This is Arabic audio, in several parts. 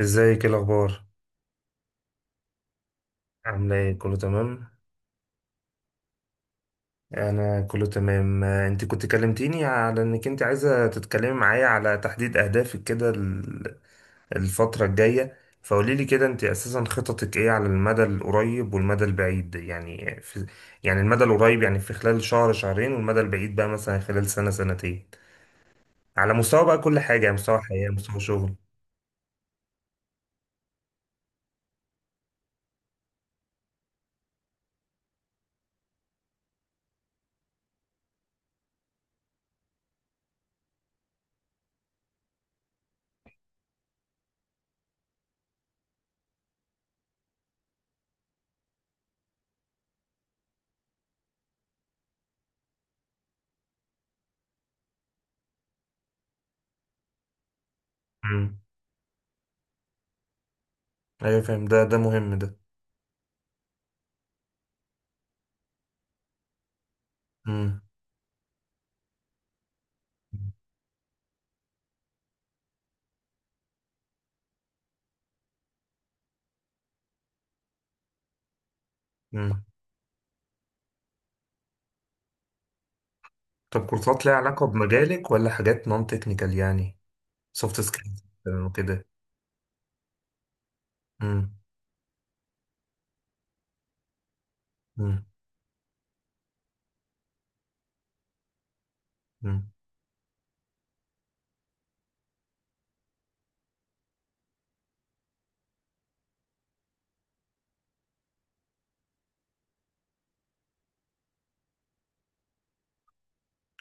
ازيك، ايه الاخبار؟ عامله ايه، كله تمام؟ انا كله تمام. انت كنت كلمتيني على انك انت عايزه تتكلمي معايا على تحديد اهدافك كده، الفتره الجايه. فقولي لي كده، انت اساسا خططك ايه على المدى القريب والمدى البعيد؟ يعني في يعني المدى القريب، يعني في خلال شهر شهرين، والمدى البعيد بقى مثلا خلال سنه سنتين، على مستوى بقى كل حاجه، يعني مستوى حياه مستوى شغل. امم ايوه فاهم، ده مهم ده. امم طب كورسات ليها علاقة بمجالك، ولا حاجات نون تكنيكال، يعني سوفت سكيلز وكده؟ امم امم امم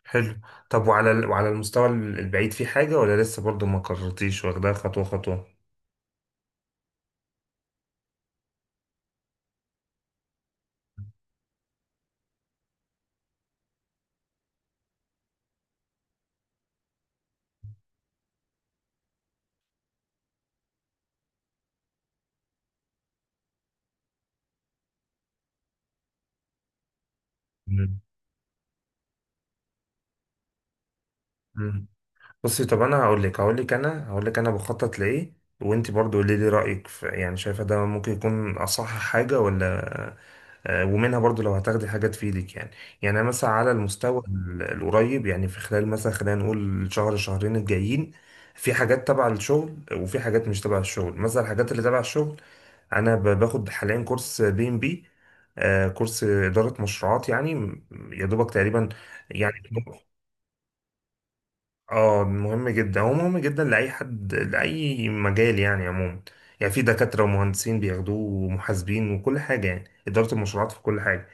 حلو. طب وعلى المستوى البعيد في حاجة، ولا لسه برضو ما قررتيش، واخدها خطوة خطوة؟ امم امم بصي، طب انا هقول لك انا بخطط لايه. وانت برضو قولي لي رأيك، في يعني شايفة ده ممكن يكون اصح حاجة ولا. ومنها برضو لو هتاخدي حاجة تفيدك يعني. يعني أنا مثلا على المستوى القريب، يعني في خلال مثلا خلينا نقول شهر شهرين الجايين، في حاجات تبع الشغل، وفي حاجات مش تبع الشغل. مثلا الحاجات اللي تبع الشغل، انا باخد حاليا كورس PMP، كورس اداره مشروعات يعني، يا دوبك تقريبا يعني. اه مهم جدا، هو مهم جدا لأي حد لأي مجال يعني عموما. يعني في دكاترة ومهندسين بياخدوه ومحاسبين وكل حاجة، يعني إدارة المشروعات في كل حاجة.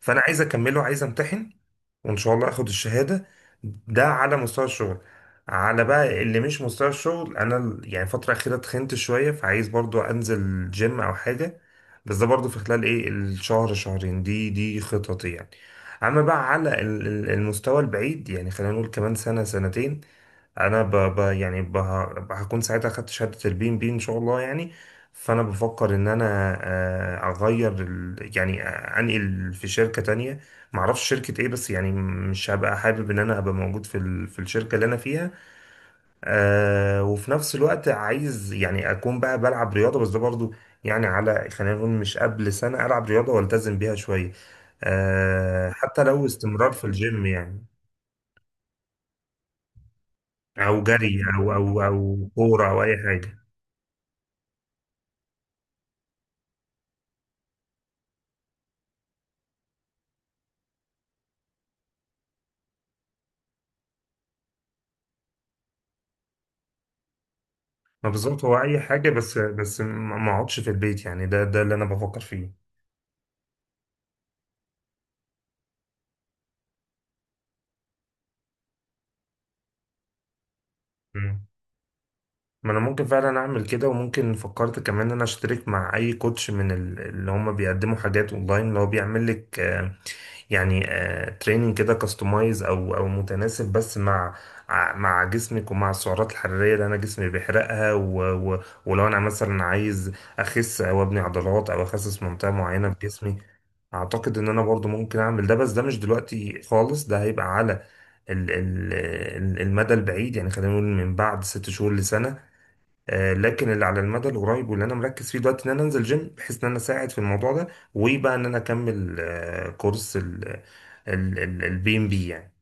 فأنا عايز أكمله، عايز أمتحن، وإن شاء الله أخد الشهادة. ده على مستوى الشغل. على بقى اللي مش مستوى الشغل، أنا يعني الفترة الأخيرة تخنت شوية، فعايز برضو أنزل جيم أو حاجة. بس ده برضو في خلال إيه، الشهر شهرين، دي خططي يعني. أما بقى على المستوى البعيد، يعني خلينا نقول كمان سنة سنتين، انا ب... ب... يعني ب... ه- هكون ساعتها خدت شهاده البي ام بي ان شاء الله يعني. فانا بفكر ان انا اغير ال... يعني آه، انقل في شركه تانية، معرفش شركه ايه بس يعني. مش هبقى حابب ان انا ابقى موجود في الشركه اللي انا فيها. وفي نفس الوقت عايز يعني اكون بقى بلعب رياضه. بس ده برضو يعني على، خلينا نقول مش قبل سنه، العب رياضه والتزم بيها شويه. حتى لو استمرار في الجيم يعني، او جري او كوره او اي حاجه. ما بالظبط، هو اي حاجه، بس ما اقعدش في البيت، يعني ده اللي انا بفكر فيه. مم. ما انا ممكن فعلا اعمل كده، وممكن فكرت كمان ان انا اشترك مع اي كوتش من اللي هم بيقدموا حاجات اونلاين، اللي هو بيعمل لك يعني تريننج كده كاستمايز، او متناسب بس مع مع جسمك، ومع السعرات الحراريه اللي انا جسمي بيحرقها، ولو انا مثلا عايز اخس، او ابني عضلات، او اخسس منطقه معينه في جسمي، اعتقد ان انا برضو ممكن اعمل ده. بس ده مش دلوقتي خالص، ده هيبقى على ال- ال- المدى البعيد، يعني خلينا نقول من بعد 6 شهور لسنة. لكن اللي على المدى القريب، واللي انا مركز فيه دلوقتي، ان انا انزل جيم بحيث ان انا اساعد في الموضوع ده، ويبقى ان انا اكمل كورس البي ام بي يعني.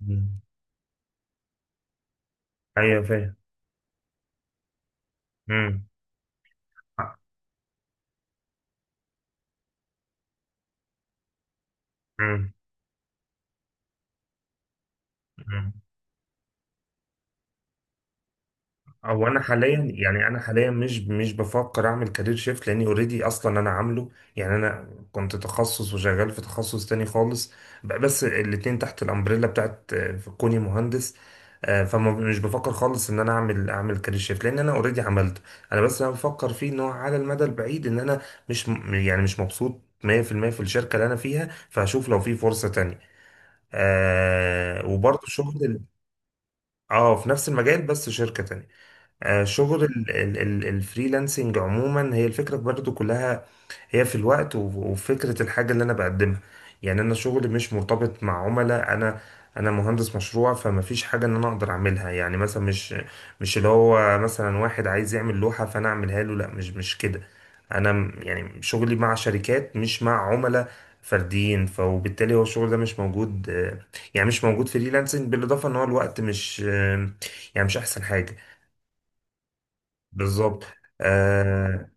مم. ايوه فاهم. امم هو انا حاليا يعني، انا حاليا مش بفكر اعمل كارير شيفت، لاني اوريدي اصلا انا عامله. يعني انا كنت تخصص، وشغال في تخصص تاني خالص. بس الاتنين تحت الامبريلا بتاعت كوني مهندس. فما مش بفكر خالص ان انا اعمل كارير شيفت، لان انا اوريدي عملته. انا بفكر فيه ان هو على المدى البعيد، ان انا مش، مبسوط 100% في المية في الشركة اللي انا فيها، فهشوف لو في فرصة تانية. آه، وبرضه شغل اه في نفس المجال، بس شركة تانية. شغل الفريلانسنج عموما هي الفكرة برضو كلها، هي في الوقت، وفكرة الحاجة اللي أنا بقدمها. يعني أنا شغلي مش مرتبط مع عملاء. أنا مهندس مشروع، فما فيش حاجة إن أنا أقدر أعملها. يعني مثلا مش اللي هو مثلا واحد عايز يعمل لوحة فأنا أعملها له، لا مش كده. أنا يعني شغلي مع شركات، مش مع عملاء فرديين. وبالتالي هو الشغل ده مش موجود، يعني مش موجود فريلانسنج. بالإضافة إن هو الوقت مش يعني مش أحسن حاجة. بالظبط، آه.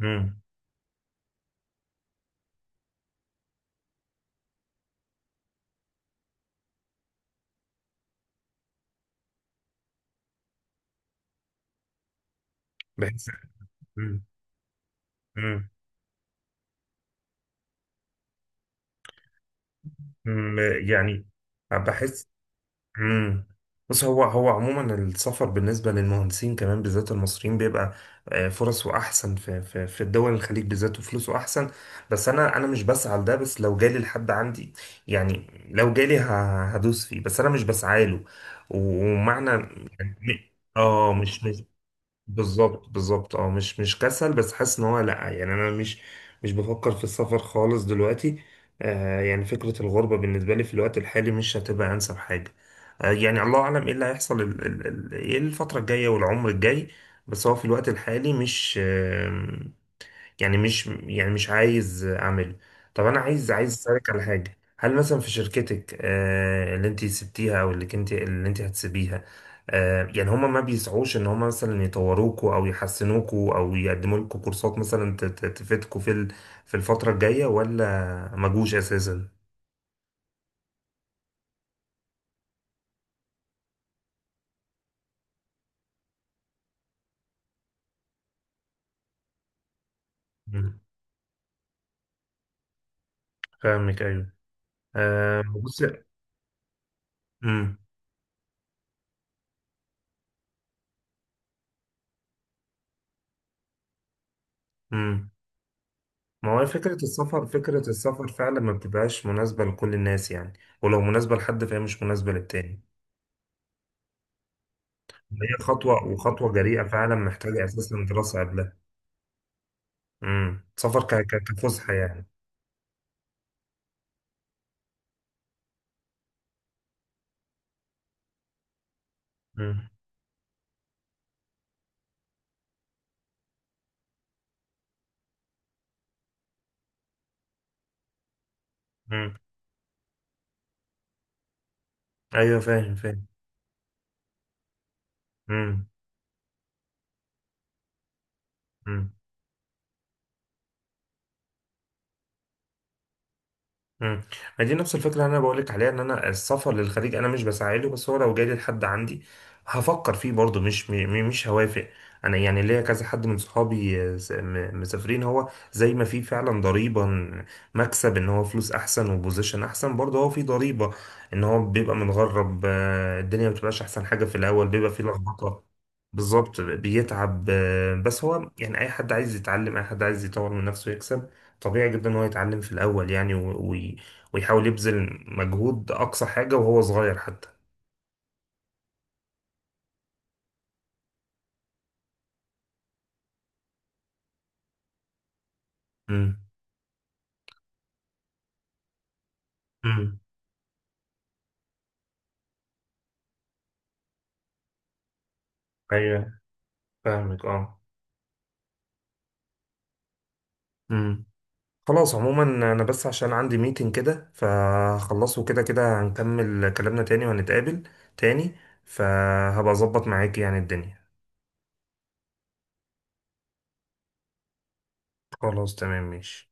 مم. بحس. مم. مم. مم. يعني بحس. مم. بص، هو هو عموما السفر بالنسبة للمهندسين كمان بالذات المصريين بيبقى فرصه أحسن في في الدول الخليج بالذات، وفلوسه أحسن. بس أنا مش بسعى لده، بس لو جالي لحد عندي، يعني لو جالي هدوس فيه، بس أنا مش بسعى له. ومعنى يعني اه مش، بالظبط بالظبط. اه مش كسل، بس حاسس ان هو لا، يعني انا مش بفكر في السفر خالص دلوقتي. آه يعني فكرة الغربة بالنسبة لي في الوقت الحالي مش هتبقى انسب حاجة. آه يعني الله اعلم ايه اللي هيحصل ال- ال- ال- ايه الفترة الجاية والعمر الجاي. بس هو في الوقت الحالي مش، يعني مش عايز اعمله. طب انا عايز، اسالك على حاجه. هل مثلا في شركتك اللي انت سبتيها، او اللي انت هتسيبيها، يعني هما ما بيسعوش ان هما مثلا يطوروكوا او يحسنوكوا، او يقدموا لكم كورسات مثلا تفيدكوا في في الفتره الجايه، ولا ما جوش اساسا؟ مم. فاهمك ايوه. بص. امم امم ما هو فكره السفر فعلا ما بتبقاش مناسبه لكل الناس يعني، ولو مناسبة لحد فهي مش مناسبة للتاني. هي خطوة، وخطوة جريئة فعلا، محتاجة أساسا دراسة قبلها. سفر كفسحة يعني؟ امم امم أيوه فاهم فاهم. امم امم ما دي نفس الفكره اللي انا بقول لك عليها، ان انا السفر للخليج انا مش بساعده، بس هو لو جالي لحد عندي هفكر فيه برضه، مش مش هوافق. انا يعني ليا كذا حد من صحابي مسافرين. هو زي ما في فعلا ضريبه مكسب، ان هو فلوس احسن وبوزيشن احسن، برضه هو في ضريبه ان هو بيبقى متغرب. الدنيا ما بتبقاش احسن حاجه في الاول، بيبقى في لخبطه بالظبط، بيتعب. بس هو يعني اي حد عايز يتعلم، اي حد عايز يطور من نفسه يكسب، طبيعي جدا ان هو يتعلم في الاول يعني. ويحاول يبذل مجهود اقصى حاجه وهو صغير حتى. امم امم ايوه فاهمك اه. امم خلاص عموما، انا بس عشان عندي ميتنج كده فخلصه كده، كده هنكمل كلامنا تاني وهنتقابل تاني. فهبقى اظبط معاك يعني الدنيا. خلاص تمام ماشي.